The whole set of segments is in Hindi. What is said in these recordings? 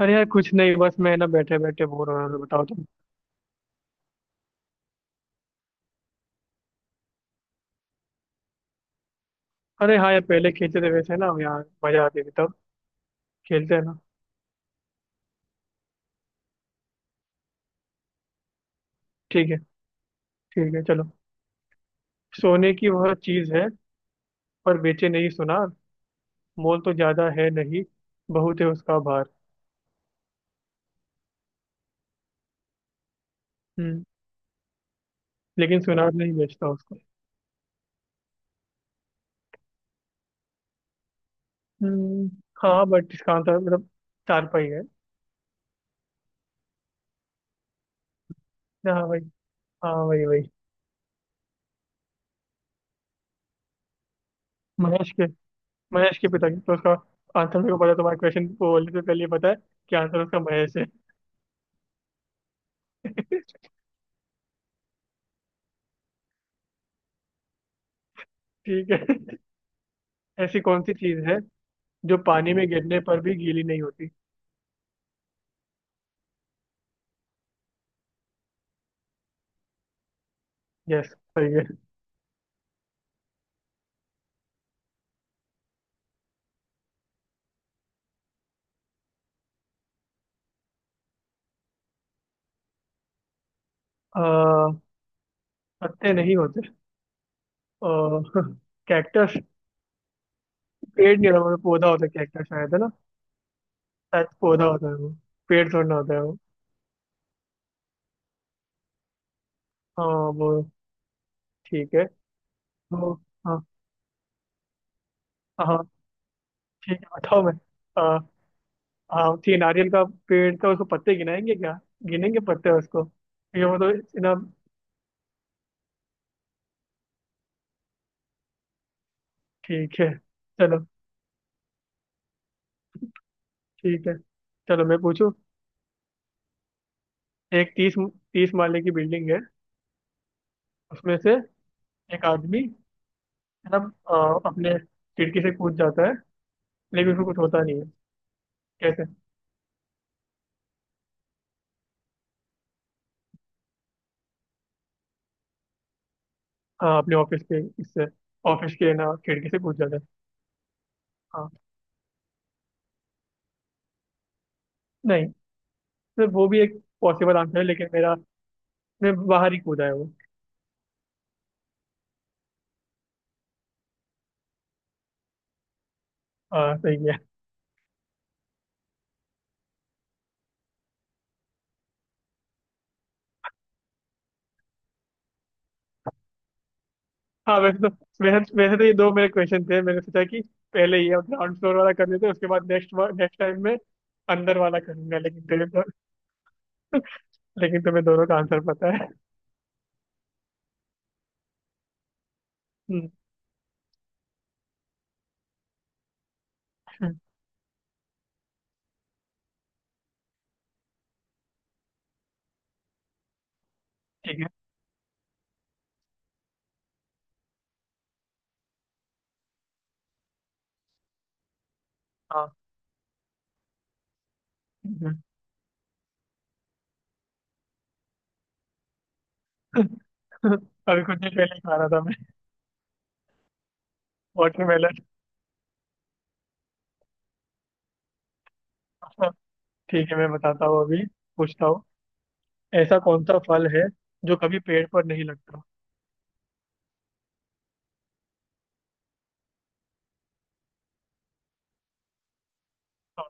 अरे यार, कुछ नहीं। बस मैं ना बैठे बैठे बोर हो रहा था। बताओ तुम। अरे हाँ यार, पहले खेलते थे वैसे ना यार। मजा आती थी तब। खेलते हैं ना। ठीक है। ठीक है, चलो। सोने की वह चीज है, पर बेचे नहीं सुनार। मोल तो ज्यादा है नहीं, बहुत है उसका भार। हम्म। लेकिन सुनार नहीं बेचता उसको। हम्म। हाँ, बट इसका आंसर मतलब चारपाई है। हाँ भाई। हाँ, वही वही। महेश के महेश के पिताजी तो, उसका आंसर मेरे को पता है, तुम्हारे क्वेश्चन को बोलने से पहले ही पता है कि आंसर उसका महेश है। ठीक है। ऐसी कौन सी चीज है जो पानी में गिरने पर भी गीली नहीं होती? यस, सही है। आ, पत्ते नहीं होते। कैक्टस। पेड़ नहीं होता मतलब, पौधा होता है कैक्टस शायद, है ना। शायद पौधा होता है वो। पेड़ थोड़ा ना होता है वो। हाँ। वो ठीक है। तो हाँ हाँ। ठीक है, बताओ मैं। आ, हाँ ठीक है, नारियल का पेड़ तो उसको पत्ते गिनाएंगे क्या, गिनेंगे पत्ते उसको। ठीक है, वो तो इतना। ठीक है, चलो। ठीक है, चलो मैं पूछूं। एक, तीस तीस माले की बिल्डिंग है। उसमें से एक आदमी मतलब अपने खिड़की से कूद जाता है, लेकिन उसको कुछ होता नहीं है। कैसे? हाँ, अपने ऑफिस के ना खिड़की से कूद जाता है। हाँ। नहीं, तो वो भी एक पॉसिबल आंसर है, लेकिन मेरा मैं बाहर ही कूदा है वो। हाँ, सही है। हाँ वैसे तो ये दो मेरे क्वेश्चन थे। मैंने सोचा कि पहले ये ग्राउंड फ्लोर वाला कर लेते हैं, उसके बाद नेक्स्ट नेक्स्ट टाइम में अंदर वाला करूंगा, लेकिन तेरे तो। लेकिन तुम्हें दोनों का आंसर पता है। हम्म। ठीक है। हाँ, ठीक है। अभी कुछ देर पहले ही खा रहा था मैं वाटरमेलन। ठीक है, मैं बताता हूँ अभी। पूछता हूँ। ऐसा कौन सा फल है जो कभी पेड़ पर नहीं लगता? हाँ,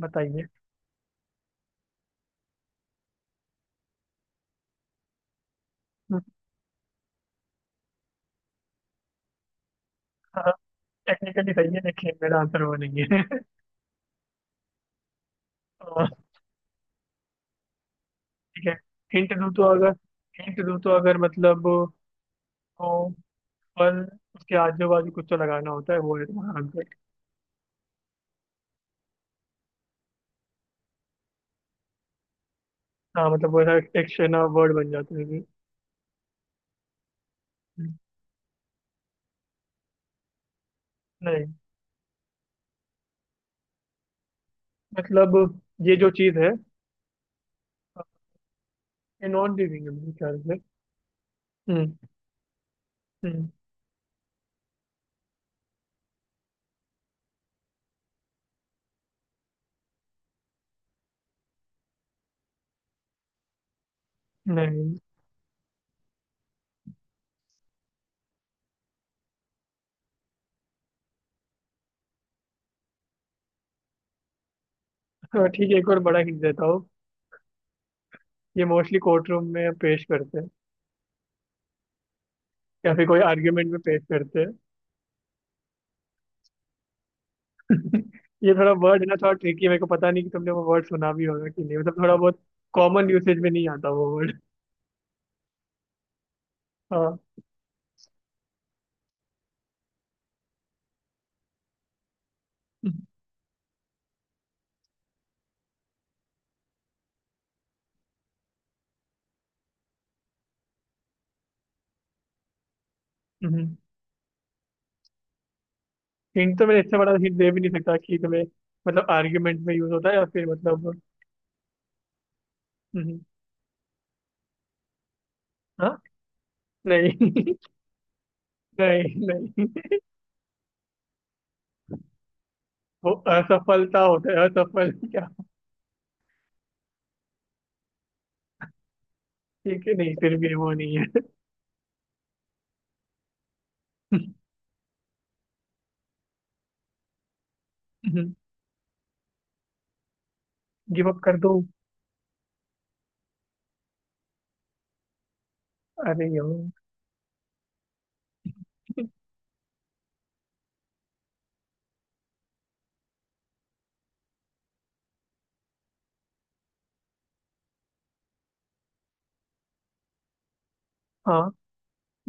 बताइए। टेक्निकली सही है, लेकिन मेरा आंसर वो नहीं है। हाँ, ठीक है। हिंट दूँ तो अगर हिंट दूँ तो अगर मतलब, वो फल, उसके आजू बाजू कुछ तो लगाना होता है, वो है तुम्हारा आंसर। हाँ मतलब, वो ऐसा एक शेना वर्ड बन जाता है फिर। नहीं मतलब, ये जो चीज़ है, ये नॉन लिविंग है मेरे ख्याल से। हम्म। हम्म। नहीं। हाँ, ठीक है, एक और बड़ा हिंट देता हूँ। ये मोस्टली कोर्ट रूम में पेश करते हैं। या फिर कोई आर्ग्यूमेंट में पेश करते हैं। ये थोड़ा वर्ड है ना, थोड़ा ट्रिकी है। मेरे को पता नहीं कि तुमने वो वर्ड सुना भी होगा कि नहीं, मतलब थोड़ा बहुत कॉमन यूसेज में नहीं आता वो वर्ड। हाँ, हिंट तो मैंने इससे बड़ा हिंट दे भी नहीं सकता कि तुम्हें। मतलब आर्ग्यूमेंट में यूज होता है या फिर मतलब। हम्म। हाँ। नहीं। नहीं, नहीं, वो असफलता होता है, असफल क्या। ठीक है, नहीं, फिर भी वो नहीं है। गिव अप कर दूं? अरे यार। हाँ,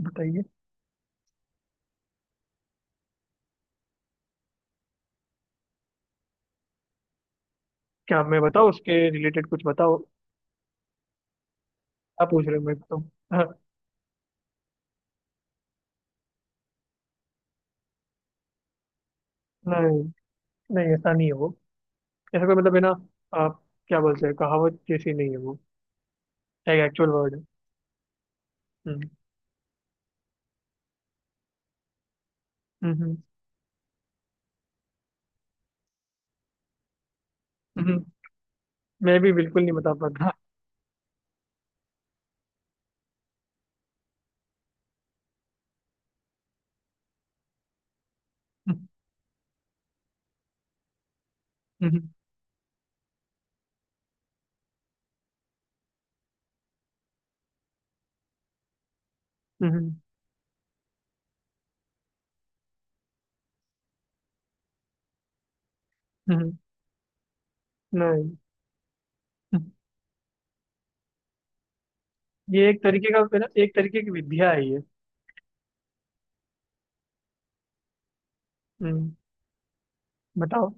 बताइए। क्या मैं बताऊँ उसके रिलेटेड, कुछ बताओ। क्या पूछ रहे हो मेरे को तुम? हाँ। नहीं, नहीं, ऐसा नहीं है वो। ऐसा कोई मतलब है ना, आप क्या बोलते हैं, कहावत जैसी नहीं है वो। एक एक्चुअल वर्ड है। हम्म। हम्म। हम्म। हम्म। मैं भी बिल्कुल नहीं बता पाता। हम्म। हम्म। हम्म। हम्म। नहीं। हम्म। ये एक तरीके का है ना, एक तरीके की विद्या है ये। हम्म। बताओ।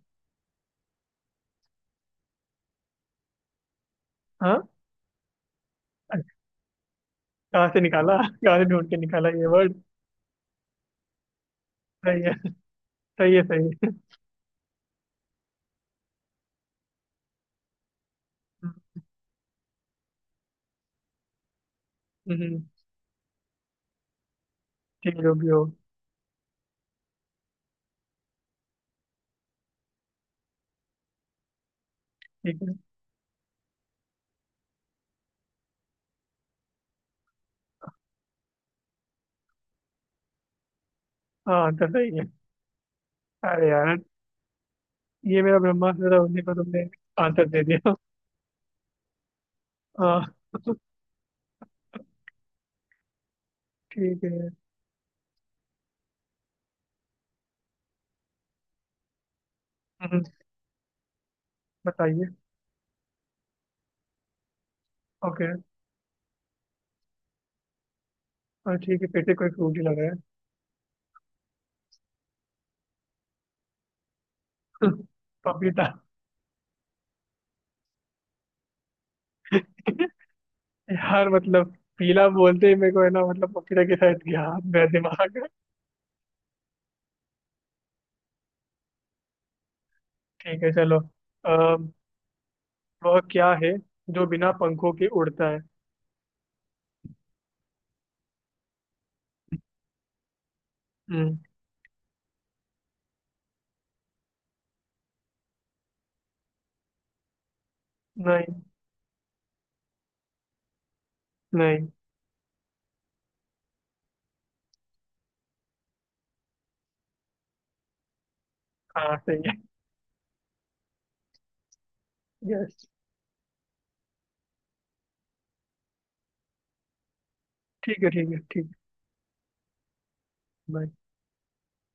हाँ। कहाँ से ढूंढ के निकाला ये वर्ड? सही है। सही है। सही है। हम्म। हम्म। ठीक है, जो भी हो। ठीक है। हाँ, तो सही है। अरे यार, ये मेरा ब्रह्मास्त्र होने का, तुमने आंसर दे दिया। हाँ, ठीक है। हम्म। बताइए। ओके। हाँ, ठीक है, फिर से कोई फ्रूट ही लगा है। पपीता। यार मतलब, पीला बोलते ही मेरे को है ना, मतलब पपीता के साथ गया मेरा दिमाग। ठीक है, चलो। आ, वह क्या है जो बिना पंखों के उड़ता है? हम्म। नहीं। नहीं। हाँ, सही है। यस। ठीक है। ठीक है। ठीक है। Bye.